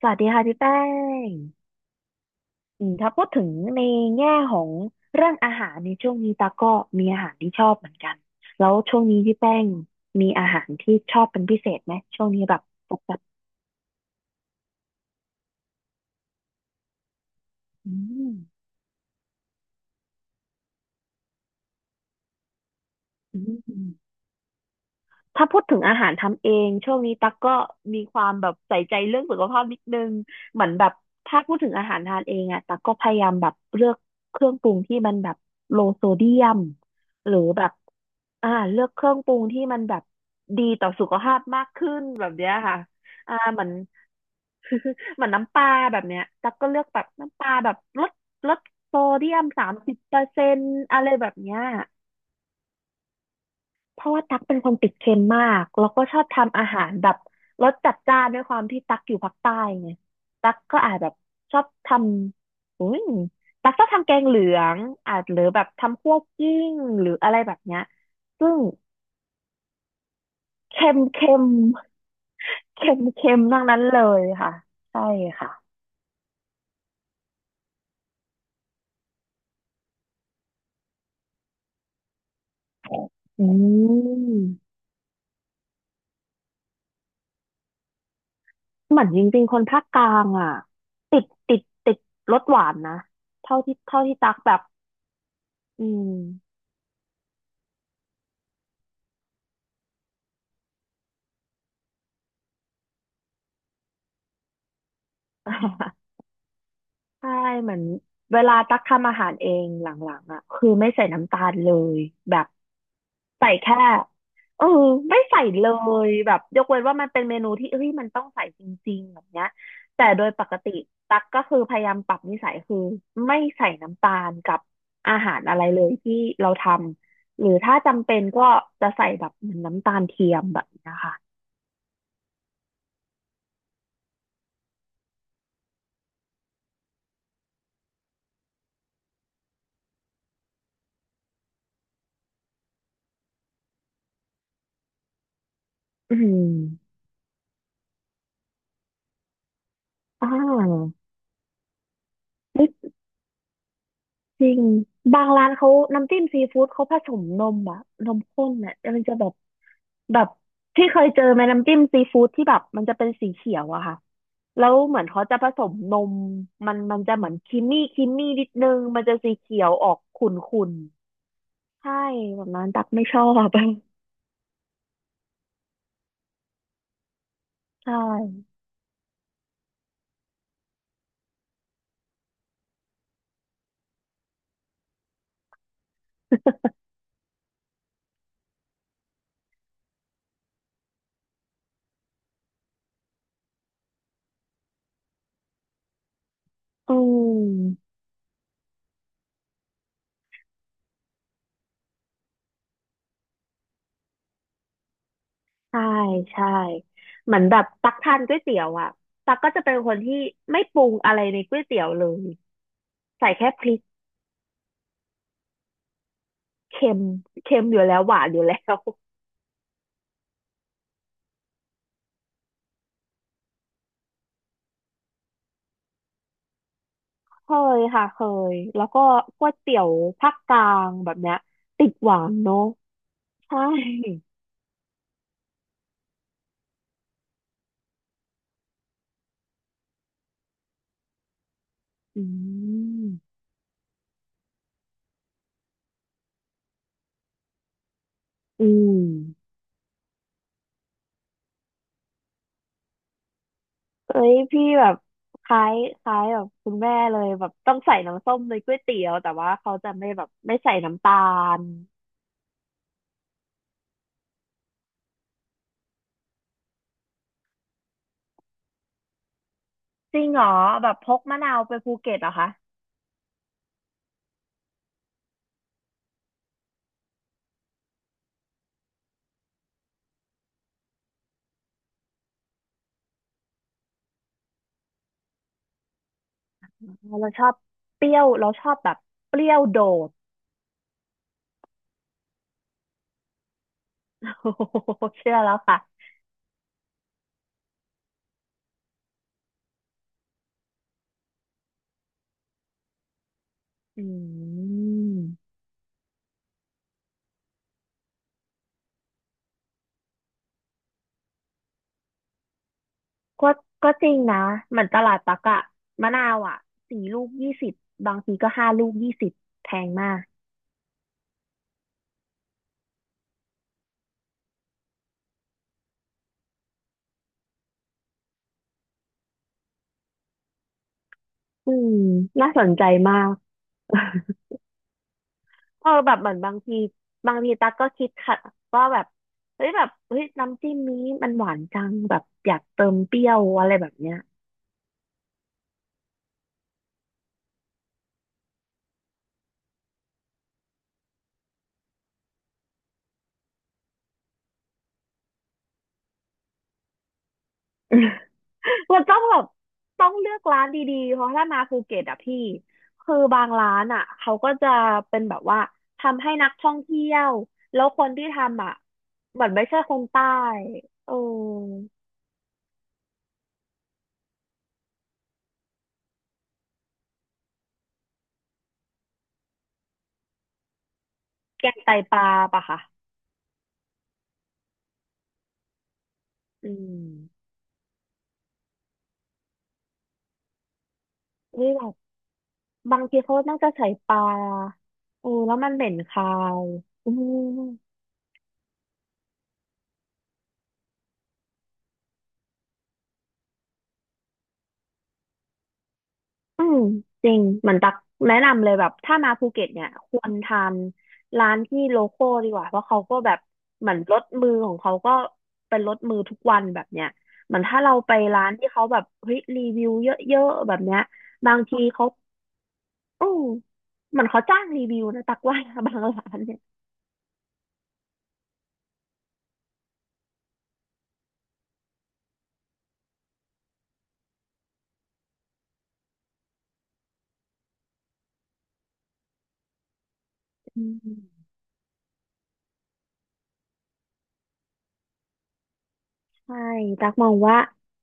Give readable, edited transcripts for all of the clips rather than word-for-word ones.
สวัสดีค่ะพี่แป้งอืมถ้าพูดถึงในแง่ของเรื่องอาหารในช่วงนี้ตาก็มีอาหารที่ชอบเหมือนกัน แล้วช่วงนี้พี่แป้งมีอาหารที่ชอบเป็นพิเศษไหมช่วงนี้แบบปกติอืมอืมถ้าพูดถึงอาหารทำเองช่วงนี้ตาก็มีความแบบใส่ใจเรื่องสุขภาพนิดนึงเหมือนแบบถ้าพูดถึงอาหารทานเองอะตาก็พยายามแบบเลือกเครื่องปรุงที่มันแบบโลโซเดียมหรือแบบอ่าเลือกเครื่องปรุงที่มันแบบดี ขึ้นแบบเนี้ยค่ะอ่าเหมือน เหมือนน้ำปลาแบบเนี้ยตักก็เลือกแบบน้ำปลาแบบลดลดโซเดียม30%อะไรแบบเนี้ยเพราะว่าตักเป็นคนติดเค็มมากแล้วก็ชอบทำอาหารแบบรสจัดจ้านด้วยความที่ตักอยู่ภาคใต้ไงตักก็อาจแบบชอบทำอุ้ยตักชอบทำแกงเหลือง อาจหรือแบบทำคั่วกลิ้งหรืออะไรแบบเนี้ยซึ่งเค็มเค็มเค็มเค็มทั้งนั้นเลยค่ะ ใช่ค่ะ อืมเหมือนจริงๆคนภาคกลางอ่ะติดติดติดรสหวานนะเท่าที่เท่าที่ตักแบบอืม ใช่เหมือนเวลาตักทำอาหารเองหลังๆอ่ะคือไม่ใส่น้ำตาลเลยแบบใส่แค่เออไม่ใส่เลยแบบยกเว้นว่ามันเป็นเมนูที่เอ้ยมันต้องใส่จริงๆแบบเนี้ยแต่โดยปกติตักก็คือพยายามปรับนิสัยคือไม่ใส่น้ำตาลกับอาหารอะไรเลยที่เราทำหรือถ้าจำเป็นก็จะใส่แบบเหมือนน้ำตาลเทียมแบบเนี้ยค่ะอืมอ่า จริงบางร้านเขาน้ำจิ้มซีฟู้ดเขาผสมนมอะนมข้นอะมันจะแบบแบบที่เคยเจอไหมน้ำจิ้มซีฟู้ดที่แบบมันจะเป็นสีเขียวอะค่ะแล้วเหมือนเขาจะผสมนมมันมันจะเหมือนครีมมี่ครีมมี่นิดนึงมันจะสีเขียวออกขุ่นๆใช่แบบนั้นตักไม่ชอบ ใช่อืมใช่ใช่เหมือนแบบตักทานก๋วยเตี๋ยวอ่ะตักก็จะเป็นคนที่ไม่ปรุงอะไรในก๋วยเตี๋ยวเลยใส่แค่พริก เค็มเค็มอยู่แล้วหวานอยู่แล้ว เคยค่ะเคยแล้วก็ก๋วยเตี๋ยวภาคกลางแบบเนี้ยติดหวานเนาะใช่อืมอืมเอ้ยพี่แบบคล้ายคล้ายแบบคุณแม่เลยแบบต้องใส่น้ำส้มในก๋วยเตี๋ยวแต่ว่าเขาจะไม่แบบไม่ใส่น้ำตาลจริงเหรอแบบพกมะนาวไปภูเก็ตเหรอคะเราชอบเปรี้ยวเราชอบแบบเปรี้ยวโดด โอ้โเชื่อแล้วค่ะอืม ก็ก็จริงนะเหมือนตลาดปักอะมะนาวอะ4 ลูก 20บางทีก็5 ลูก 20แพงมากอืมน่าสนใจมาก เออแบบเหมือนบางทีบางทีตั๊กก็คิดค่ะว่าแบบเฮ้ยแบบเฮ้ยน้ำจิ้มนี้มันหวานจังแบบอยากเติมเปรี้ยวอะไรแบบเนี้ย มันต้องแบบต้องเลือกร้านดีๆ เพราะถ้ามาภูเก็ตอะพี่คือบางร้านอะเขาก็จะเป็นแบบว่าทำให้นักท่องเที่ยวแล้วคนที่ทำอะเหมือนไม่ใช่คนใต้เออแกงไตปลาปะคะอืมนี่แบบบางทีเขาน่าจะใส่ปลาเออแล้วมันเหม็นคาวอืม อืมจริงเหมือนตักแนะนำเลยแบบถ้ามาภูเก็ตเนี่ยควรทานร้านที่โลคอลดีกว่าเพราะเขาก็แบบเหมือนรสมือของเขาก็เป็นรสมือทุกวันแบบเนี้ยเหมือนถ้าเราไปร้านที่เขาแบบเฮ้ยรีวิวเยอะๆแบบเนี้ยบางทีเขาอืมเหมือนเขาจ้างรีวิวนะตักว่า บางร้านเนี่ยอืม ใช่ตักมองว่า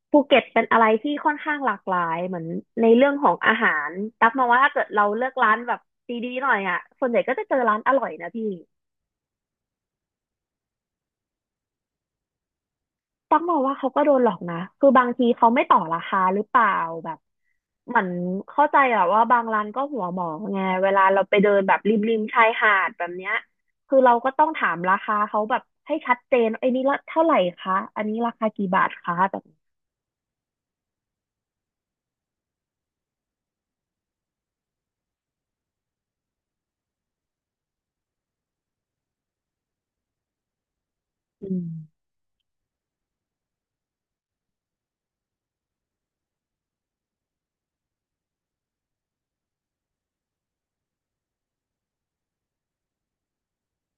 ภูเก็ตเป็นอะไรที่ค่อนข้างหลากหลายเหมือนในเรื่องของอาหารตักมองว่าถ้าเกิดเราเลือกร้านแบบดีๆหน่อยอ่ะส่วนใหญ่ก็จะเจอร้านอร่อยนะพี่ตักมองว่าเขาก็โดนหลอกนะคือบางทีเขาไม่ต่อราคาหรือเปล่าแบบเหมือนเข้าใจอะว่าบางร้านก็หัวหมอไงเวลาเราไปเดินแบบริมๆชายหาดแบบเนี้ยคือเราก็ต้องถามราคาเขาแบบให้ชัดเจนไอ้ยนี่ละเท่าไหร่คะอันนี้ราคากี่บาทคะแบบนี้อืม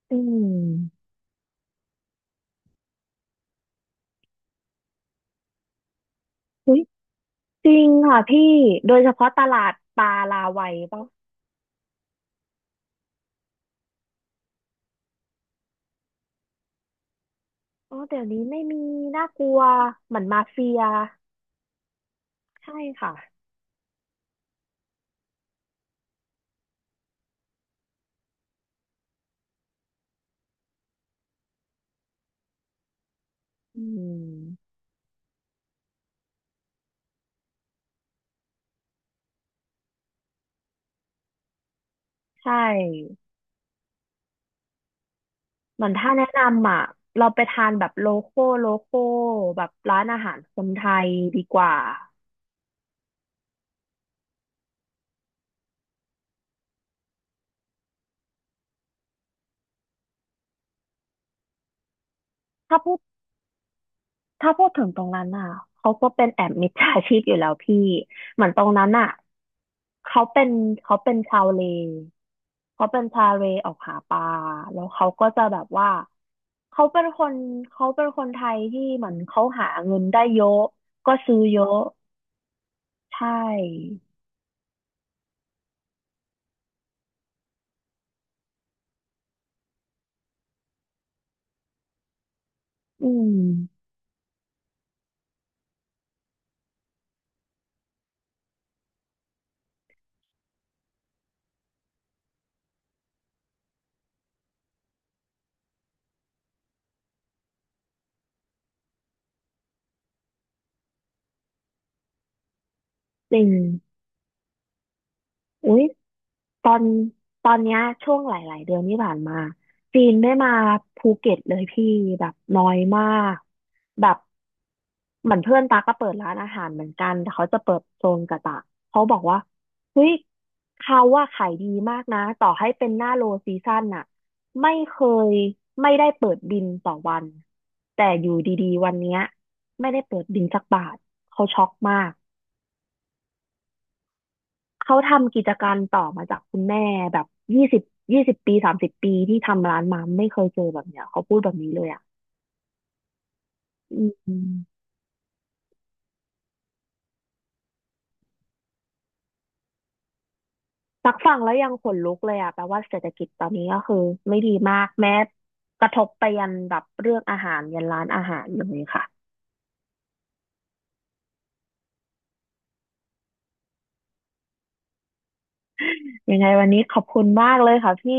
อืมอุ้ย จริงค่ะพี่โดยเฉพาะตลาดปลาลาวัยป่ะอ๋อเดี๋ยวนี้ไม่มีน่ากลัวเหมือนมาเฟียใช่ค่ะอืมใช่เหมือนถ้าแนะนำอ่ะเราไปทานแบบโลโก้โลโก้แบบร้านอาหารคนไทยดีกว่าถ้าพูด ถ้าพูดถึงตรงนั้นอ่ะเขาก็เป็นแอบมิจฉาชีพอยู่แล้วพี่ เหมือนตรงนั้นอ่ะเขาเป็นเขาเป็นชาวเลเขาเป็นชาวเลออกหาปลาแล้วเขาก็จะแบบว่า เขาเป็นคนเขาเป็นคนไทยที่เหมือนเขาหาเงินได้เยอะ ก็ซื้อเยอะใช่อืมจริงอุ๊ย ตอนตอนเนี้ยช่วงหลายๆเดือนที่ผ่านมาจีนไม่มาภูเก็ตเลยพี่แบบน้อยมากแบบเหมือนเพื่อนตาก็เปิดร้านอาหารเหมือนกันแต่เขาจะเปิดโซนกะตะเขาบอกว่าเฮ้ยเขาว่าขายดีมากนะต่อให้เป็นหน้าโลซีซั่นน่ะไม่เคยไม่ได้เปิดบินต่อวันแต่อยู่ดีๆวันเนี้ยไม่ได้เปิดบินสักบาทเขาช็อกมาก เขาทำกิจการต่อมาจากคุณแม่แบบยี่สิบ20 ปี30 ปีที่ทำร้านมาไม่เคยเจอแบบเนี้ยเขาพูดแบบนี้เลยอ่ะอืมตักฟังแล้วยังขนลุกเลยอ่ะแปลว่าเศรษฐกิจตอนนี้ก็คือไม่ดีมากแม้กระทบไปยันแบบเรื่องอาหารยันร้านอาหารเลยค่ะยังไงวันนี้ขอบคุณมากเลยค่ะพี่